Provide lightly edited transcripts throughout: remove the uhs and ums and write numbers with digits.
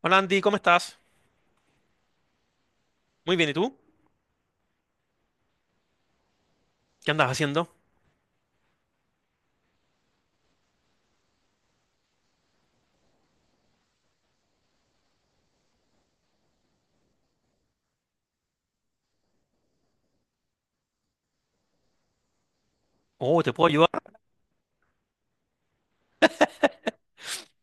Hola Andy, ¿cómo estás? Muy bien, ¿y tú? ¿Qué andas haciendo? Oh, ¿te puedo ayudar?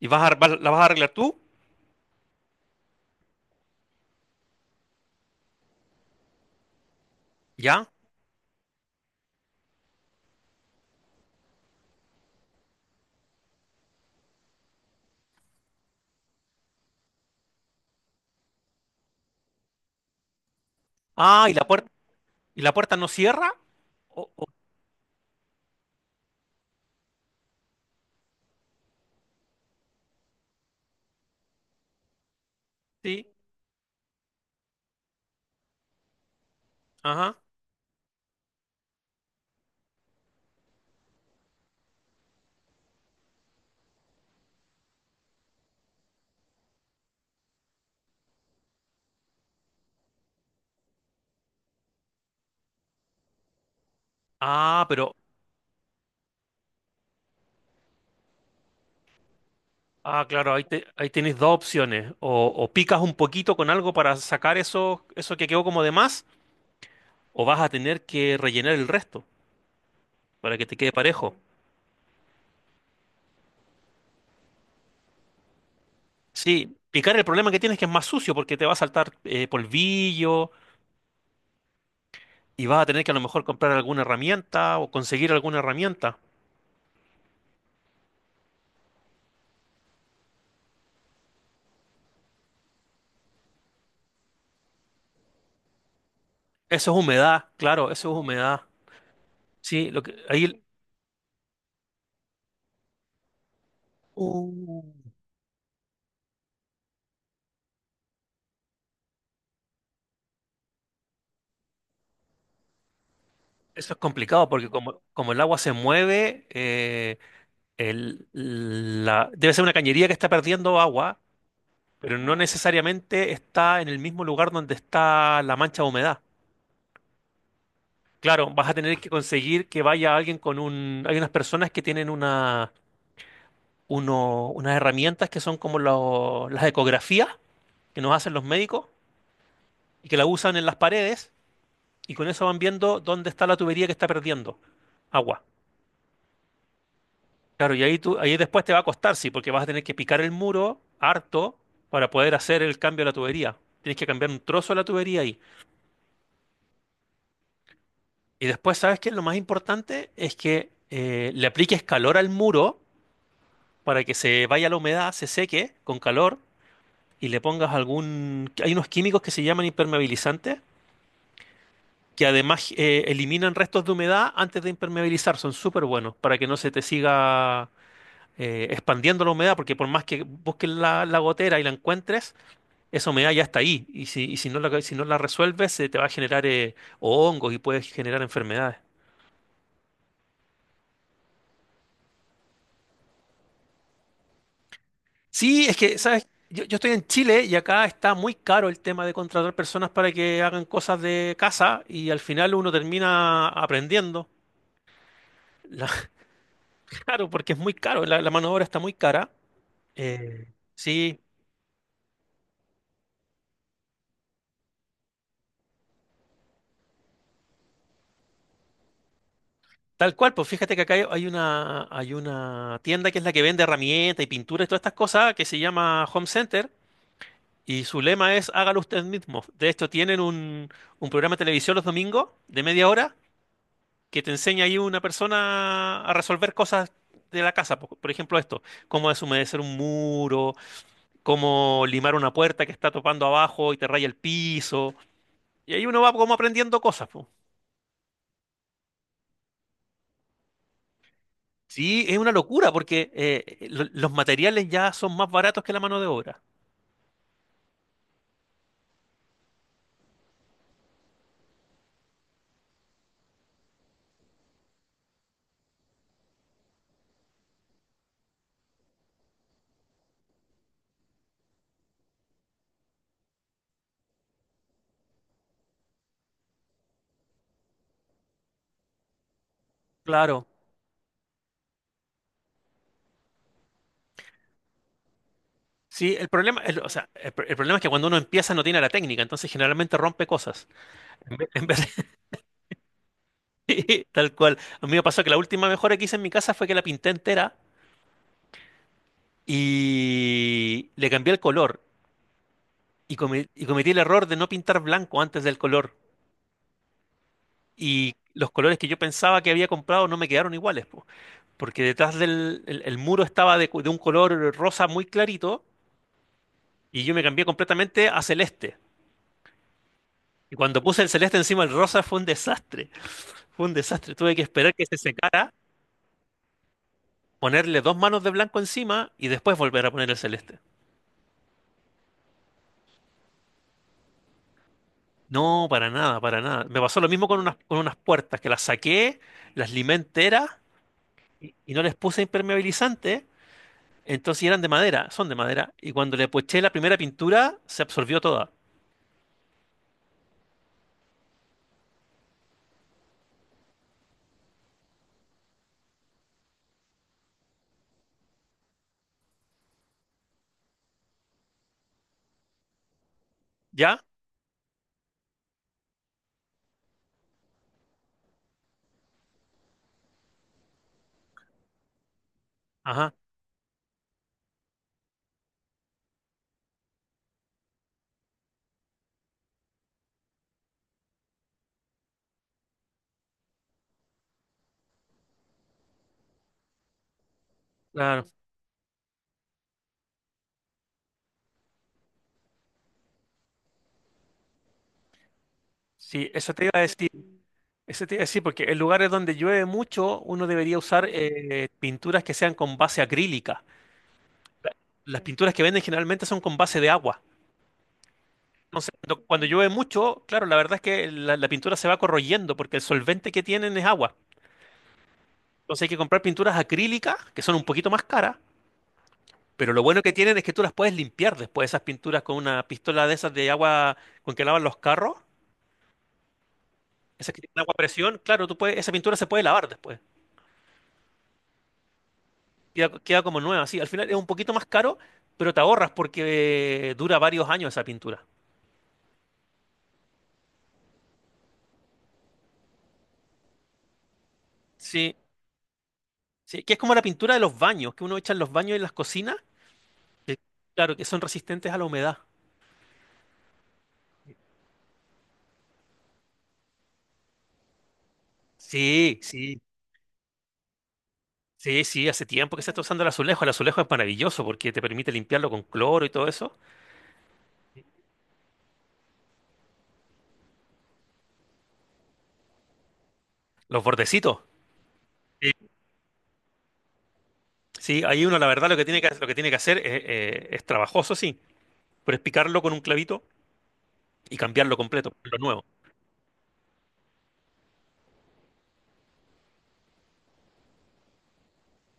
¿Y vas a, la vas a arreglar tú? ¿Ya? Ah, ¿y la puerta no cierra? O oh, sí, ajá. Ah, pero, ah, claro, ahí tienes dos opciones. O picas un poquito con algo para sacar eso que quedó como de más, o vas a tener que rellenar el resto para que te quede parejo. Sí, picar, el problema que tienes es que es más sucio porque te va a saltar polvillo y vas a tener que a lo mejor comprar alguna herramienta o conseguir alguna herramienta. Eso es humedad, claro, eso es humedad. Sí, lo que ahí el- Uh, eso es complicado porque como el agua se mueve, debe ser una cañería que está perdiendo agua, pero no necesariamente está en el mismo lugar donde está la mancha de humedad. Claro, vas a tener que conseguir que vaya alguien con un... Hay unas personas que tienen una, unas herramientas que son como las ecografías que nos hacen los médicos y que la usan en las paredes, y con eso van viendo dónde está la tubería que está perdiendo agua. Claro, y ahí, tú, ahí después te va a costar, sí, porque vas a tener que picar el muro harto para poder hacer el cambio de la tubería. Tienes que cambiar un trozo de la tubería ahí. Y después, ¿sabes qué? Lo más importante es que le apliques calor al muro para que se vaya la humedad, se seque con calor y le pongas algún... Hay unos químicos que se llaman impermeabilizantes, que además eliminan restos de humedad antes de impermeabilizar. Son súper buenos para que no se te siga expandiendo la humedad, porque por más que busques la gotera y la encuentres, esa humedad ya está ahí. Si no la resuelves, se te va a generar hongos y puedes generar enfermedades. Sí, es que, ¿sabes? Yo estoy en Chile y acá está muy caro el tema de contratar personas para que hagan cosas de casa y al final uno termina aprendiendo. La- claro, porque es muy caro, la mano de obra está muy cara. Eh, sí, tal cual. Pues fíjate que acá hay una, hay una tienda que es la que vende herramientas y pinturas y todas estas cosas, que se llama Home Center, y su lema es hágalo usted mismo. De hecho, un programa de televisión los domingos de media hora que te enseña ahí una persona a resolver cosas de la casa. Por ejemplo, esto, cómo deshumedecer un muro, cómo limar una puerta que está topando abajo y te raya el piso. Y ahí uno va como aprendiendo cosas. Sí, es una locura porque los materiales ya son más baratos que la mano de obra. Claro. Sí, o sea, el problema es que cuando uno empieza no tiene la técnica, entonces generalmente rompe cosas. En vez tal cual. A mí me pasó que la última mejora que hice en mi casa fue que la pinté entera y le cambié el color. Y, y cometí el error de no pintar blanco antes del color. Y los colores que yo pensaba que había comprado no me quedaron iguales, po. Porque detrás el muro estaba de, de un color rosa muy clarito. Y yo me cambié completamente a celeste. Y cuando puse el celeste encima del rosa fue un desastre. Fue un desastre. Tuve que esperar que se secara, ponerle dos manos de blanco encima y después volver a poner el celeste. No, para nada, para nada. Me pasó lo mismo con unas puertas, que las saqué, las limé enteras y no les puse impermeabilizante. Entonces, y eran de madera, son de madera. Y cuando le eché la primera pintura, se absorbió toda. ¿Ya? Ajá, claro. Sí, eso te iba a decir. Ese te iba a decir, porque en lugares donde llueve mucho, uno debería usar pinturas que sean con base acrílica. Las pinturas que venden generalmente son con base de agua. Entonces, cuando llueve mucho, claro, la verdad es que la pintura se va corroyendo porque el solvente que tienen es agua. Entonces hay que comprar pinturas acrílicas, que son un poquito más caras, pero lo bueno que tienen es que tú las puedes limpiar después, esas pinturas, con una pistola de esas de agua con que lavan los carros, esas que tienen agua a presión, claro, tú puedes, esa pintura se puede lavar después. Queda, queda como nueva, sí. Al final es un poquito más caro, pero te ahorras porque dura varios años esa pintura. Sí, sí, que es como la pintura de los baños, que uno echa en los baños y en las cocinas, que, claro, que son resistentes a la humedad. Sí, sí, sí, sí, hace tiempo que se está usando el azulejo. El azulejo es maravilloso porque te permite limpiarlo con cloro y todo eso. Los bordecitos. Sí, sí, ahí uno la verdad lo que tiene que hacer es trabajoso, sí, pero es picarlo con un clavito y cambiarlo completo, lo nuevo.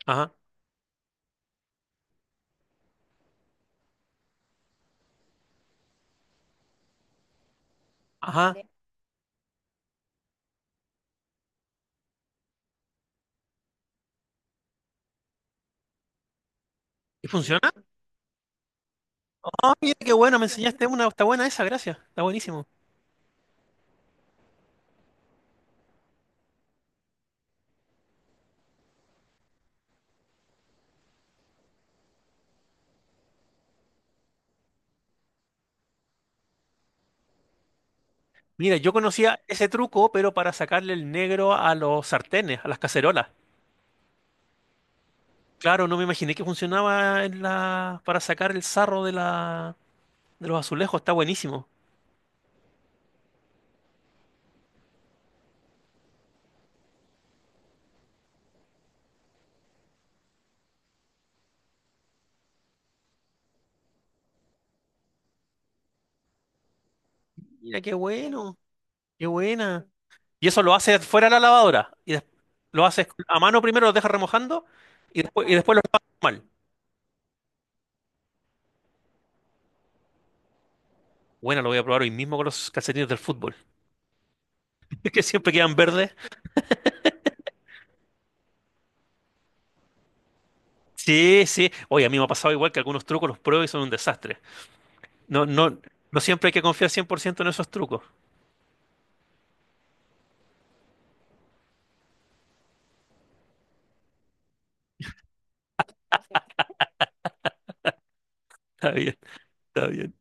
Ajá, ajá. ¿Y funciona? Ah, mira qué bueno, me enseñaste una. Está buena esa, gracias. Está buenísimo. Mira, yo conocía ese truco, pero para sacarle el negro a los sartenes, a las cacerolas. Claro, no me imaginé que funcionaba en la... para sacar el sarro de la... de los azulejos. Está buenísimo. Mira qué bueno, qué buena. Y eso lo haces fuera de la lavadora. Y lo haces a mano primero, lo dejas remojando y después lo lavas mal. Bueno, lo voy a probar hoy mismo con los calcetines del fútbol, que siempre quedan verdes. Sí, sí. Oye, a mí me ha pasado igual que algunos trucos los pruebo y son un desastre. No, no, no siempre hay que confiar 100% en esos trucos. Está bien, está bien.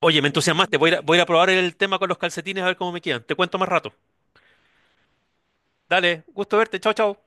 Oye, me entusiasmaste. Voy a ir a probar el tema con los calcetines a ver cómo me quedan. Te cuento más rato. Dale, gusto verte. Chao, chao.